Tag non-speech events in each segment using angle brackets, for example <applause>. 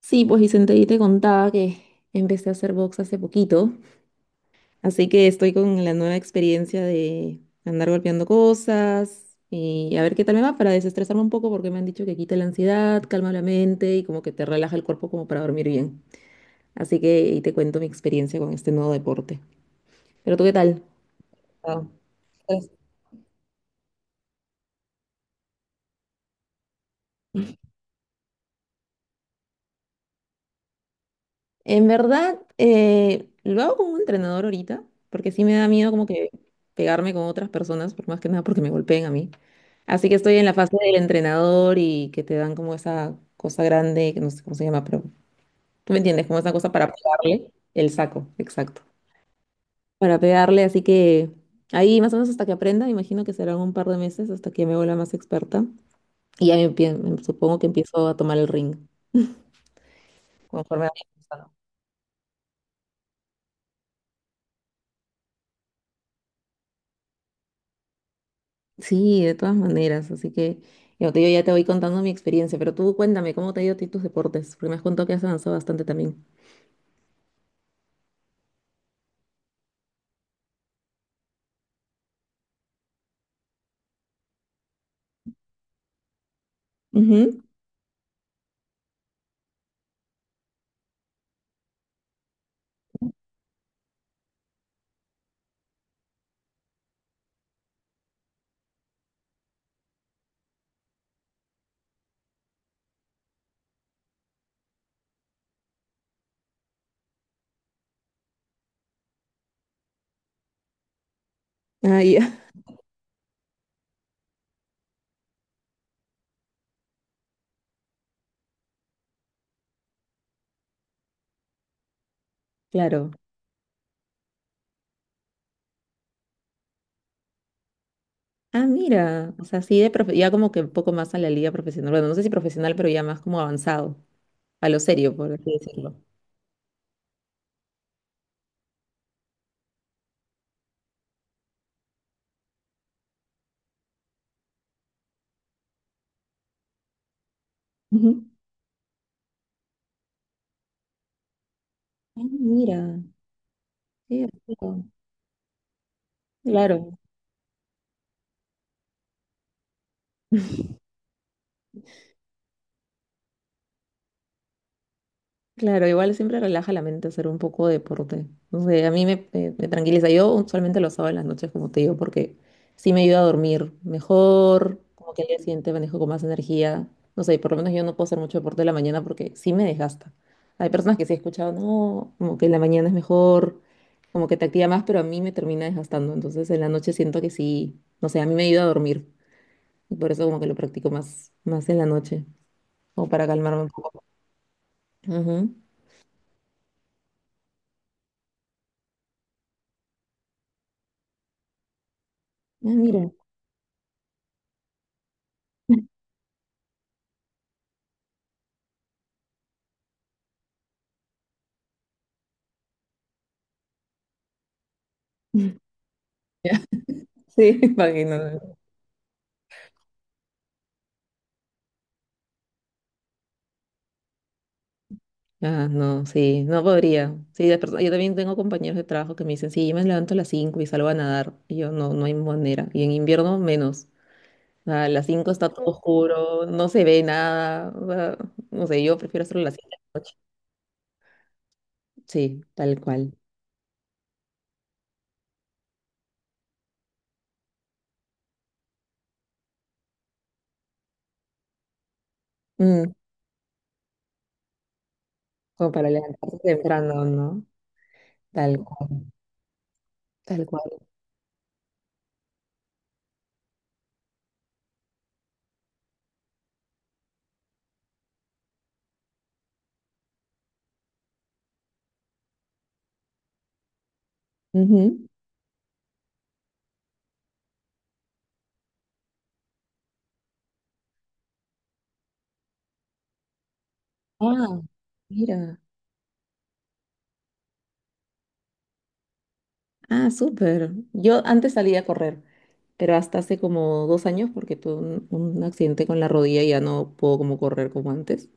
Sí, pues Vicente, y te contaba que empecé a hacer box hace poquito, así que estoy con la nueva experiencia de andar golpeando cosas y a ver qué tal me va para desestresarme un poco porque me han dicho que quita la ansiedad, calma la mente y como que te relaja el cuerpo como para dormir bien. Así que ahí te cuento mi experiencia con este nuevo deporte. Pero tú, ¿qué tal? Ah. En verdad, lo hago como un entrenador ahorita, porque sí me da miedo como que pegarme con otras personas, por más que nada porque me golpeen a mí. Así que estoy en la fase del entrenador y que te dan como esa cosa grande, que no sé cómo se llama, pero tú me entiendes, como esa cosa para pegarle el saco, exacto. Para pegarle, así que ahí más o menos hasta que aprenda, imagino que serán un par de meses hasta que me vuelva más experta. Y ya supongo que empiezo a tomar el ring conforme vaya avanzando. Sí, de todas maneras, así que yo ya te voy contando mi experiencia, pero tú cuéntame cómo te ha ido a ti tus deportes, porque me has contado que has avanzado bastante también. Ujú. Ah, ya. <laughs> Claro. Ah, mira, o sea, sí, ya como que un poco más a la liga profesional, bueno, no sé si profesional, pero ya más como avanzado, a lo serio, por así decirlo. Ujú. Ah, mira, qué divertido. Claro. Claro, igual siempre relaja la mente hacer un poco de deporte. No sé, a mí me tranquiliza. Yo usualmente lo hago en las noches, como te digo, porque sí me ayuda a dormir mejor, como que al día siguiente manejo con más energía. No sé, por lo menos yo no puedo hacer mucho deporte en la mañana porque sí me desgasta. Hay personas que sí he escuchado, no, como que en la mañana es mejor, como que te activa más, pero a mí me termina desgastando. Entonces en la noche siento que sí, no sé, a mí me ayuda a dormir. Y por eso como que lo practico más en la noche, como para calmarme un poco. Ujú. Ah, mira. <laughs> Sí, <laughs> imagino. Ah, no, sí, no podría. Sí, yo también tengo compañeros de trabajo que me dicen, sí, yo me levanto a las 5 y salgo a nadar. Y yo, no, no hay manera. Y en invierno, menos. A las 5 está todo oscuro, no se ve nada. O sea, no sé, yo prefiero hacerlo a las 5. Sí, tal cual. Mm, como para levantarse temprano, ¿no? Tal cual, tal cual. Ujú. Ah, mira. Ah, súper. Yo antes salía a correr, pero hasta hace como 2 años porque tuve un accidente con la rodilla y ya no puedo como correr como antes.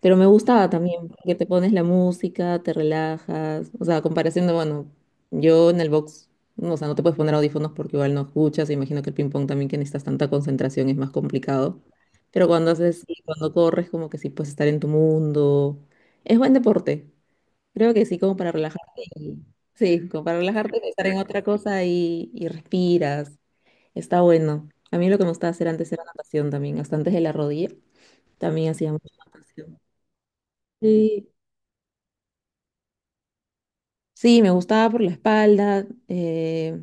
Pero me gustaba también porque te pones la música, te relajas. O sea, a comparación de, bueno, yo en el box, no, o sea, no te puedes poner audífonos porque igual no escuchas. Imagino que el ping-pong también que necesitas tanta concentración es más complicado. Pero cuando corres, como que sí puedes estar en tu mundo. Es buen deporte. Creo que sí, como para relajarte. Sí, como para relajarte, estar en otra cosa y respiras. Está bueno. A mí lo que me gustaba hacer antes era natación también, hasta antes de la rodilla. También hacía mucha natación. Sí, sí, me gustaba por la espalda. eh,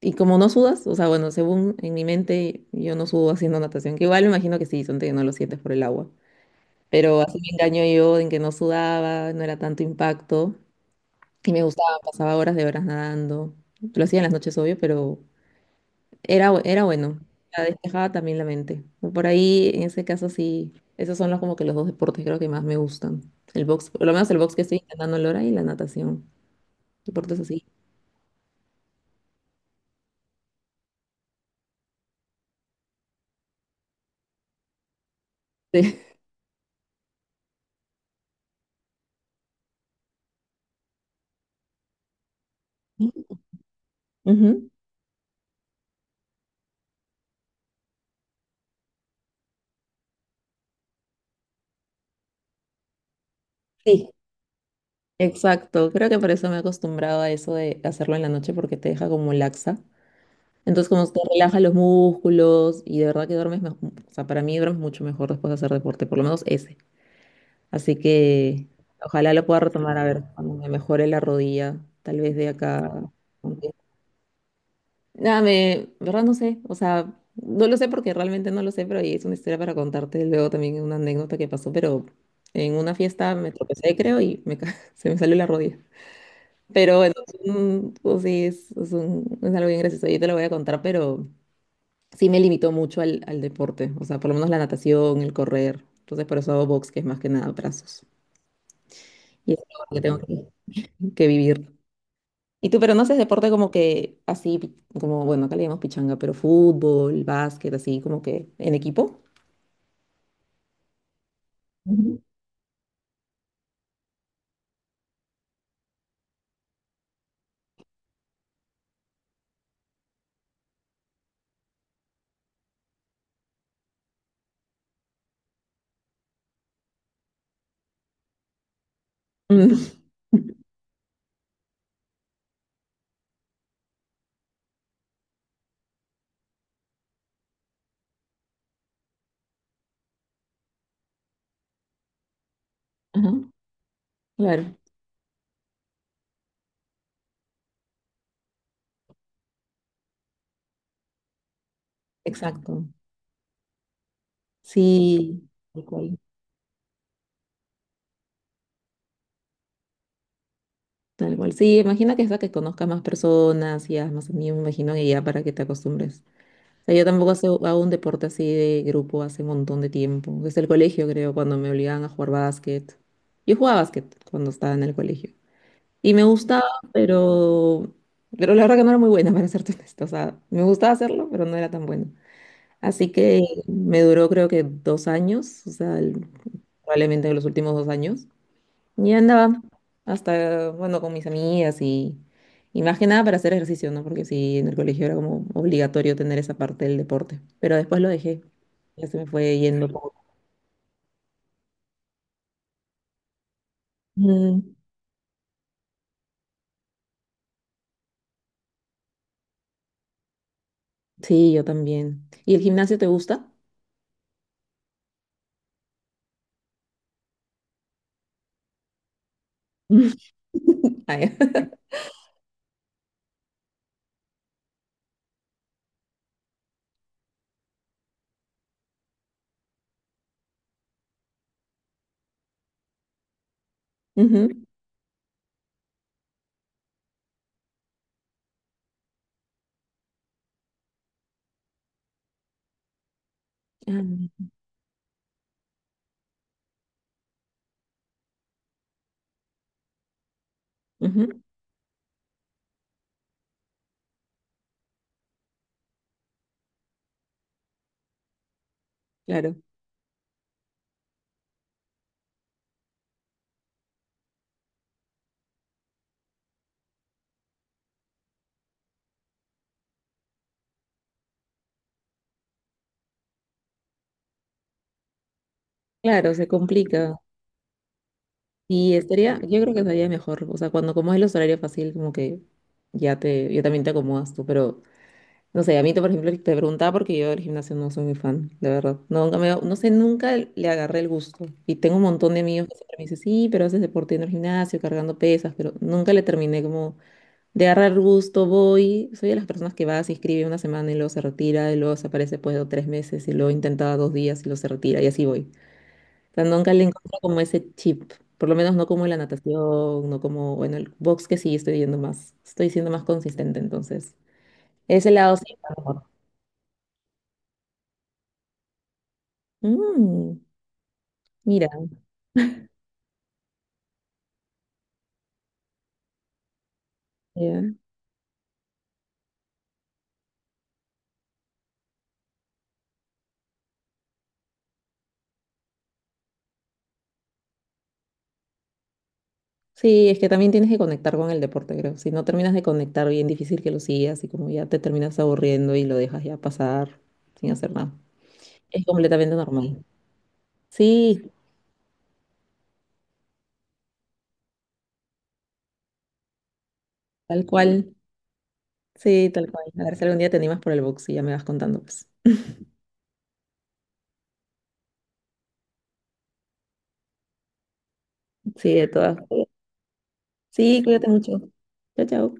y como no sudas, o sea, bueno, según en mi mente, yo no sudo haciendo natación, que igual me imagino que sí, son que no lo sientes por el agua. Pero así me engaño yo en que no sudaba, no era tanto impacto. Y me gustaba, pasaba horas de horas nadando. Lo hacía en las noches, obvio, pero era bueno. La despejaba también la mente. Por ahí, en ese caso, sí. Esos son los, como que los dos deportes creo que más me gustan. El box, por lo menos el box que estoy intentando ahora y la natación. Deportes así. Sí. <laughs> Ujú. Sí, exacto. Creo que por eso me he acostumbrado a eso de hacerlo en la noche porque te deja como laxa. Entonces como te relaja los músculos y de verdad que duermes mejor. O sea, para mí duermes mucho mejor después de hacer deporte, por lo menos ese. Así que ojalá lo pueda retomar a ver cuando me mejore la rodilla, tal vez de acá. aunque- Nada, verdad no sé, o sea, no lo sé porque realmente no lo sé, pero ahí es una historia para contarte luego también una anécdota que pasó, pero en una fiesta me tropecé, creo, y <laughs> se me salió la rodilla. Pero bueno, pues sí, es algo bien gracioso, yo te lo voy a contar, pero sí me limitó mucho al deporte, o sea, por lo menos la natación, el correr, entonces por eso hago box, que es más que nada brazos. Y es algo que tengo que vivir. Y tú, pero no haces deporte como que así, como, bueno, acá le llamamos pichanga, pero fútbol, básquet, así como que en equipo. Ujú. Mm. <laughs> Ajá, claro, exacto. Sí, tal cual, tal cual. Sí, imagina que es para que conozcas más personas y haz más amigos, me imagino que ya para que te acostumbres. O sea, yo tampoco hago un deporte así de grupo hace un montón de tiempo. Desde el colegio, creo, cuando me obligaban a jugar básquet. Yo jugaba básquet cuando estaba en el colegio. Y me gustaba, pero, pero la verdad que no era muy buena, <laughs> para serte honesta. O sea, me gustaba hacerlo, pero no era tan buena. Así que me duró creo que 2 años, o sea, probablemente los últimos 2 años. Y andaba hasta, bueno, con mis amigas y más que nada para hacer ejercicio, ¿no? Porque sí, en el colegio era como obligatorio tener esa parte del deporte. Pero después lo dejé. Ya se me fue yendo poco. Mm, sí, yo también. ¿Y el gimnasio te gusta? <laughs> Ah, ya. <laughs> Ujú. Ah, Ujú, claro, claro, se complica. Yo creo que estaría mejor. O sea, cuando como es los horarios fácil, como que yo también te acomodas tú. Pero, no sé, a mí, por ejemplo, te preguntaba porque yo del gimnasio no soy muy fan, de verdad. No, Nunca me, no sé, nunca le agarré el gusto. Y tengo un montón de amigos que siempre me dicen, sí, pero haces deporte en el gimnasio, cargando pesas, pero nunca le terminé como de agarrar el gusto, voy. Soy de las personas que va, se inscribe una semana y luego se retira, y luego se aparece después de 3 meses, y luego intenta 2 días y luego se retira, y así voy. Sea, nunca le encuentro como ese chip, por lo menos no como en la natación, no como, bueno, el box que sí estoy yendo más, estoy siendo más consistente, entonces. Ese lado sí. Está mejor. Mm, mira, ya. Sí, es que también tienes que conectar con el deporte, creo. Si no terminas de conectar, bien difícil que lo sigas y como ya te terminas aburriendo y lo dejas ya pasar sin hacer nada. Es completamente normal. Sí, tal cual. Sí, tal cual. A ver si algún día te animas por el box y ya me vas contando, pues. Sí, de todas. Sí, cuídate mucho. Chao, chao.